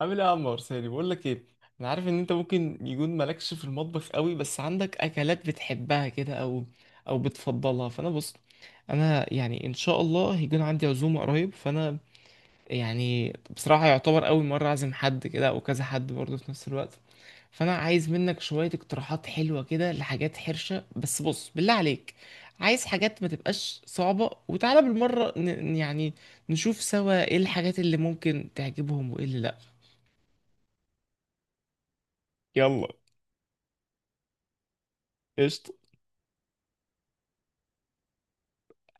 عامل ايه يا عمار ساري، بقول لك ايه؟ انا عارف ان انت ممكن يكون مالكش في المطبخ قوي، بس عندك اكلات بتحبها كده او بتفضلها، فانا بص. انا يعني ان شاء الله هيكون عندي عزومه قريب، فانا يعني بصراحه يعتبر اول مره اعزم حد كده او كذا حد برضه في نفس الوقت. فانا عايز منك شويه اقتراحات حلوه كده لحاجات حرشه، بس بص بالله عليك، عايز حاجات ما تبقاش صعبه، وتعالى بالمره يعني نشوف سوا ايه الحاجات اللي ممكن تعجبهم وايه اللي لا. يلا. قشطة.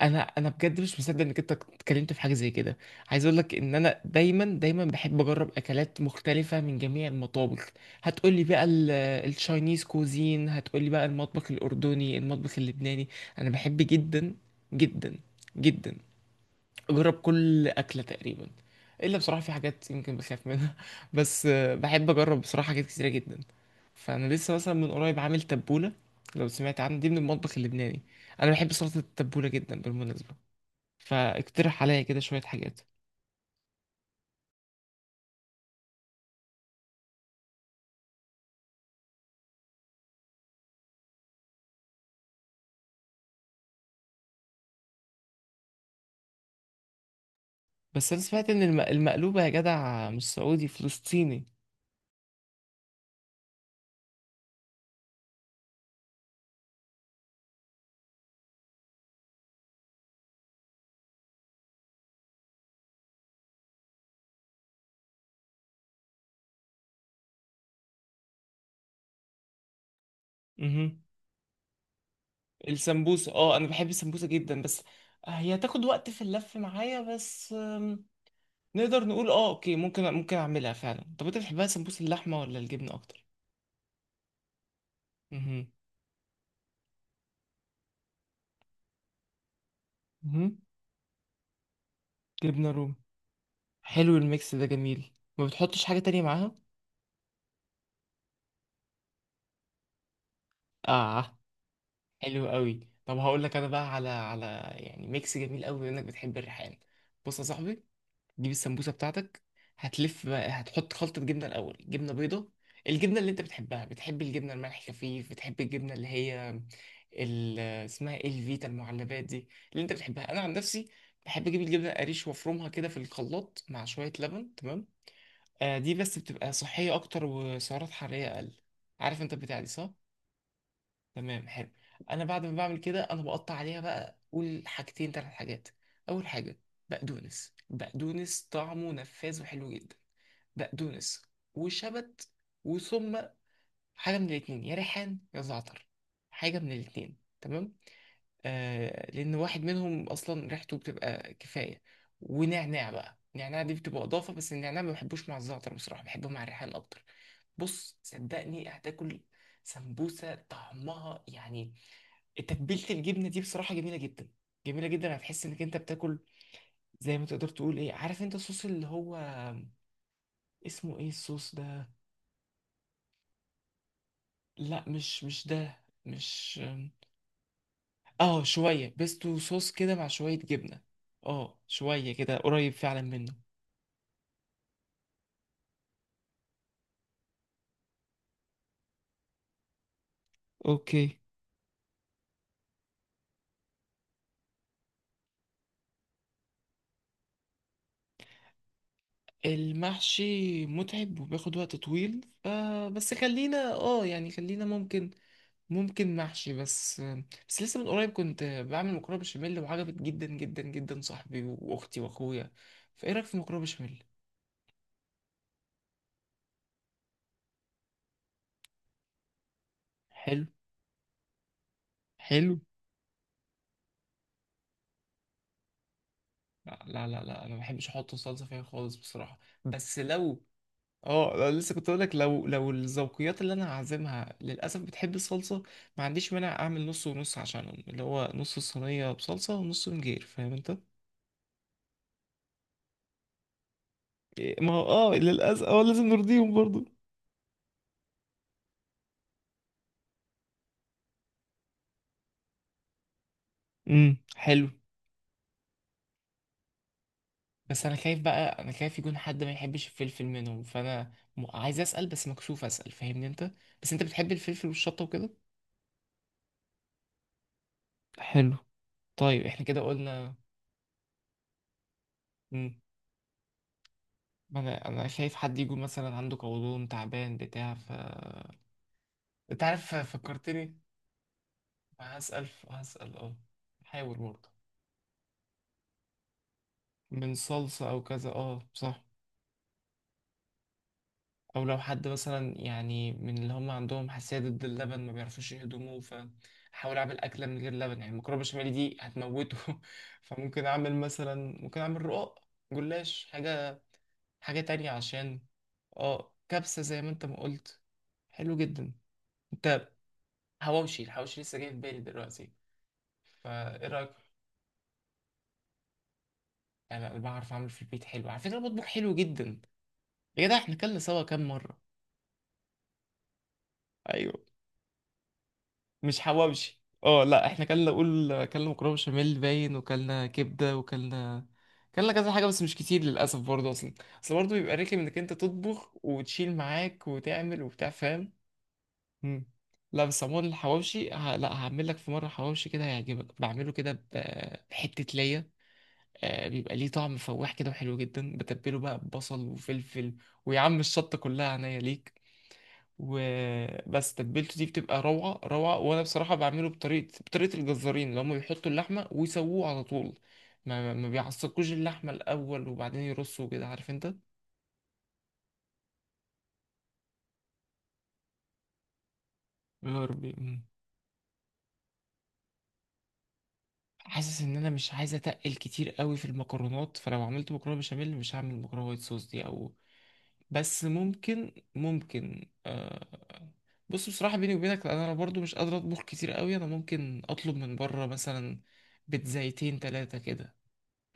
انا بجد مش مصدق انك انت اتكلمت في حاجه زي كده. عايز اقول لك ان انا دايما دايما بحب اجرب اكلات مختلفه من جميع المطابخ. هتقول لي بقى التشاينيز كوزين، هتقول لي بقى المطبخ الاردني، المطبخ اللبناني. انا بحب جدا جدا جدا، جرب كل أكلة تقريبا، إلا بصراحة في حاجات يمكن بخاف منها بس بحب أجرب بصراحة حاجات كتيرة جدا. فأنا لسه مثلا من قريب عامل تبولة، لو سمعت عنها دي من المطبخ اللبناني. أنا بحب سلطة التبولة جدا بالمناسبة، فاقترح عليا كده شوية حاجات. بس أنا سمعت إن المقلوبة يا جدع مش سعودي، فلسطيني. امم. السمبوسة، اه أنا بحب السمبوسة جدا، بس هي تاخد وقت في اللف معايا. بس نقدر نقول اه اوكي، ممكن اعملها فعلا. طب انت بتحبها سمبوسة اللحمة ولا الجبنة اكتر؟ امم. مهم. جبنة رومي. حلو، الميكس ده جميل، ما بتحطش حاجة تانية معاها؟ اه، حلو قوي. طب هقول لك انا بقى على يعني ميكس جميل قوي انك بتحب الريحان. بص يا صاحبي، تجيب السمبوسه بتاعتك، هتحط خلطه جبنه الاول، جبنه بيضه، الجبنه اللي انت بتحبها، بتحب الجبنه الملح خفيف، بتحب الجبنه اللي هي اسمها ايه؟ الفيتا المعلبات دي اللي انت بتحبها. انا عن نفسي بحب اجيب الجبنه القريش وافرمها كده في الخلاط مع شويه لبن، تمام؟ آه، دي بس بتبقى صحيه اكتر وسعرات حراريه اقل. عارف انت البتاع دي، صح؟ تمام، حلو. انا بعد ما بعمل كده، انا بقطع عليها بقى، قول حاجتين ثلاث حاجات. اول حاجه، بقدونس. بقدونس طعمه نفاذ وحلو جدا. بقدونس وشبت، وثم حاجه من الاتنين، يا ريحان يا زعتر. حاجه من الاتنين، تمام. آه، لان واحد منهم اصلا ريحته بتبقى كفايه. ونعناع بقى، النعناع دي بتبقى اضافه، بس النعناع ما بحبوش مع الزعتر بصراحه، بحبه مع الريحان اكتر. بص صدقني، هتاكل سمبوسه طعمها يعني، تتبيله الجبنه دي بصراحه جميله جدا، جميله جدا، هتحس انك انت بتاكل زي ما تقدر تقول ايه، عارف انت الصوص اللي هو اسمه ايه الصوص ده؟ لا، مش ده. مش. اه شويه بيستو صوص كده مع شويه جبنه، اه شويه كده قريب فعلا منه. اوكي. المحشي متعب وبياخد وقت طويل. آه بس خلينا اه يعني خلينا ممكن، محشي. بس لسه من قريب كنت بعمل مكرونه بشاميل وعجبت جدا جدا جدا صاحبي واختي واخويا، فايه رايك في مكرونه بشاميل؟ حلو، حلو. لا، لا، لا، لا. انا ما بحبش احط صلصه فيها خالص بصراحه. بس لو، اه لا، لسه كنت اقول لك، لو الذوقيات اللي انا هعزمها للاسف بتحب الصلصه، ما عنديش مانع اعمل نص ونص عشانهم، اللي هو نص الصينيه بصلصه ونص من غير، فاهم انت؟ إيه، ما هو اه للاسف اه لازم نرضيهم برضو. امم، حلو. بس انا خايف بقى، انا خايف يكون حد ما يحبش الفلفل منهم، فانا عايز اسال بس مكسوف اسال، فاهمني انت؟ بس انت بتحب الفلفل والشطه وكده؟ حلو. طيب احنا كده قلنا. مم. ما انا خايف حد يكون مثلا عنده قولون تعبان بتاع، ف انت عارف فكرتني. هسال اه. حاول برضه. من صلصه او كذا، اه صح. او لو حد مثلا يعني من اللي هم عندهم حساسيه ضد اللبن، ما بيعرفوش يهضموه، فحاول اعمل اكله من غير لبن يعني، المكرونه بشاميل دي هتموته فممكن اعمل مثلا، ممكن اعمل رقاق، جلاش، حاجه، حاجه تانية عشان. اه كبسه زي ما انت ما قلت، حلو جدا. انت، حواوشي. الحواوشي لسه جاي في بالي دلوقتي، فايه رايك؟ يعني انا بعرف اعمل في البيت حلو على فكره، بطبخ حلو جدا. يا جدع احنا كلنا سوا كام مره. ايوه. مش حواوشي، اه لا احنا كلنا، قول، كلنا مكرونه بشاميل باين، وكلنا كبده، وكلنا كذا حاجه، بس مش كتير للاسف برضه اصلا. اصل برضه بيبقى رخم انك انت تطبخ وتشيل معاك وتعمل وبتاع، فاهم؟ مم. لا بس عموما الحواوشي لا، هعمل لك في مره حواوشي كده هيعجبك، بعمله كده بحته ليا. آه، بيبقى ليه طعم فواح كده وحلو جدا، بتبله بقى ببصل وفلفل، ويا عم الشطه كلها عينيا ليك. وبس تتبيلته دي بتبقى روعة روعة، وأنا بصراحة بعمله بطريقة الجزارين اللي هم بيحطوا اللحمة ويسووه على طول، ما بيعصقوش اللحمة الأول وبعدين يرصوا كده، عارف أنت؟ يا ربي. مم. حاسس إن أنا مش عايز أتقل كتير قوي في المكرونات، فلو عملت مكرونة بشاميل مش هعمل مكرونة وايت صوص دي، أو، بس ممكن آه. بص بصراحة بيني وبينك، لأن أنا برضو مش قادر أطبخ كتير قوي، أنا ممكن أطلب من بره مثلا بيتزايتين تلاتة كده،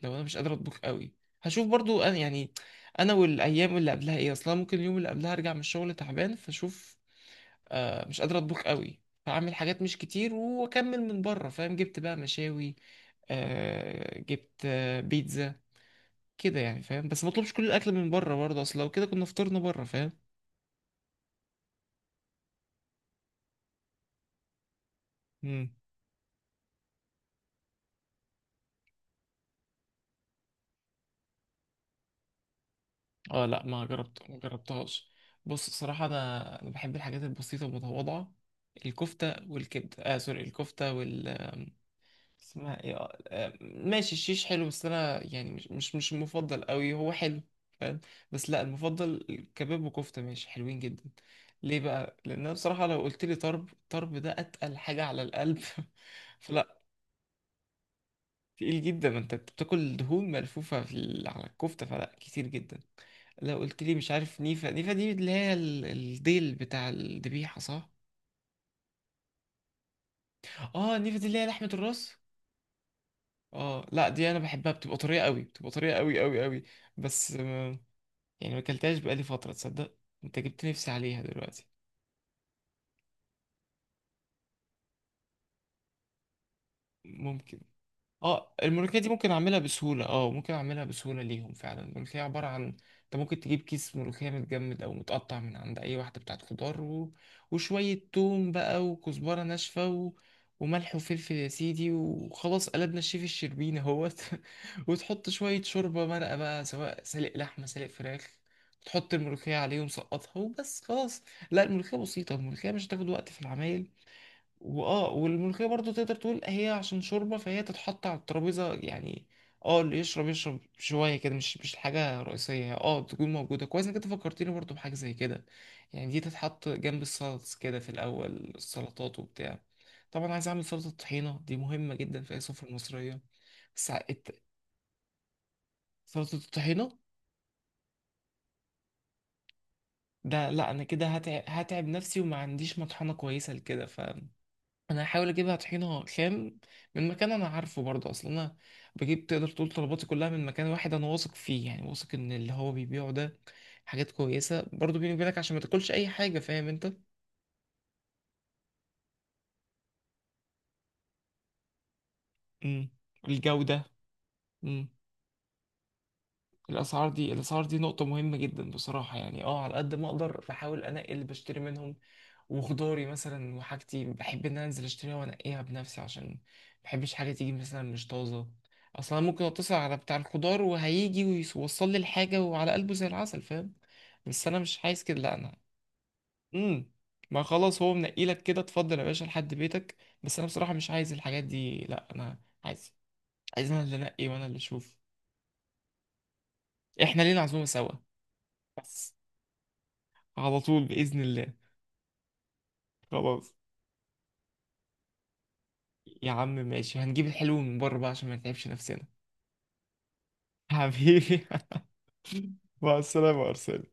لو انا مش قادر اطبخ قوي. هشوف برضو انا يعني، انا والايام اللي قبلها ايه اصلا، ممكن اليوم اللي قبلها ارجع من الشغل تعبان، فاشوف آه مش قادر اطبخ قوي، فاعمل حاجات مش كتير واكمل من بره، فاهم؟ جبت بقى مشاوي، آه جبت آه بيتزا كده يعني، فاهم؟ بس ما اطلبش كل الاكل من بره برضه، اصل لو كده كنا فطرنا بره، فاهم؟ امم. اه لا ما جربت، ما جربتهاش. بص الصراحه انا بحب الحاجات البسيطه المتواضعه، الكفته والكبده، اه سوري، الكفته وال، اسمها ايه؟ آه، آه، ماشي الشيش حلو، بس انا يعني مش المفضل قوي، هو حلو، فاهم؟ بس لا، المفضل كباب وكفته، ماشي، حلوين جدا. ليه بقى؟ لان انا بصراحه لو قلت لي طرب، طرب ده اتقل حاجه على القلب فلا. تقيل جدا، ما انت بتاكل دهون ملفوفه في على الكفته، فلا كتير جدا. لو قلت لي مش عارف نيفه، نيفه دي اللي هي الديل بتاع الذبيحه، صح؟ اه نيفه دي اللي هي لحمه الراس؟ اه لا دي انا بحبها، بتبقى طريه قوي، بتبقى طريه قوي قوي قوي. بس آه، يعني ما اكلتهاش بقالي فتره، تصدق؟ انت جبت نفسي عليها دلوقتي. ممكن. اه الملوخية دي ممكن اعملها بسهولة، اه ممكن اعملها بسهولة ليهم فعلا. الملوخية عبارة عن، انت ممكن تجيب كيس ملوخية متجمد او متقطع من عند اي واحدة بتاعت خضار وشوية توم بقى وكزبرة ناشفة وملح وفلفل يا سيدي، وخلاص قلبنا الشيف الشربيني اهوت وتحط شوية شوربة مرقة بقى، سواء سلق لحمة سلق فراخ، تحط الملوخية عليهم سقطها وبس خلاص. لا الملوخية بسيطة، الملوخية مش هتاخد وقت في العمايل. واه والملوخية برضو تقدر تقول هي عشان شوربة، فهي تتحط على الترابيزة يعني، اه اللي يشرب يشرب شوية كده، مش حاجة رئيسية، اه تكون موجودة كويس، انك انت فكرتني برضو بحاجة زي كده. يعني دي تتحط جنب السلطس كده في الأول، السلطات وبتاع. طبعا عايز أعمل سلطة طحينة، دي مهمة جدا في أي سفرة مصرية. بس سلطة الطحينة؟ ده لا، أنا كده هتعب نفسي، وما عنديش مطحنة كويسة لكده. انا هحاول اجيبها طحينه خام من مكان انا عارفه برضه اصلا، انا بجيب، تقدر تقول طلباتي كلها من مكان واحد انا واثق فيه، يعني واثق ان اللي هو بيبيعه ده حاجات كويسه برضه بيني وبينك، عشان ما تاكلش اي حاجه، فاهم انت؟ امم. الجوده. امم. الاسعار دي نقطه مهمه جدا بصراحه، يعني اه على قد ما اقدر بحاول انقي اللي بشتري منهم وخضاري مثلا وحاجتي. بحب ان انا انزل اشتريها وانقيها بنفسي، عشان ما بحبش حاجه تيجي مثلا مش طازه. اصلا ممكن اتصل على بتاع الخضار وهيجي ويوصل لي الحاجه وعلى قلبه زي العسل، فاهم؟ بس انا مش عايز كده، لا انا. امم. ما خلاص هو منقي لك كده، اتفضل يا باشا لحد بيتك. بس انا بصراحه مش عايز الحاجات دي، لا انا عايز، عايز انا اللي انقي وانا اللي اشوف. احنا لينا عزومه سوا. بس على طول باذن الله. خلاص. يا عم ماشي، هنجيب الحلو من بره بقى عشان ما نتعبش نفسنا. حبيبي. مع السلامة، أرسل.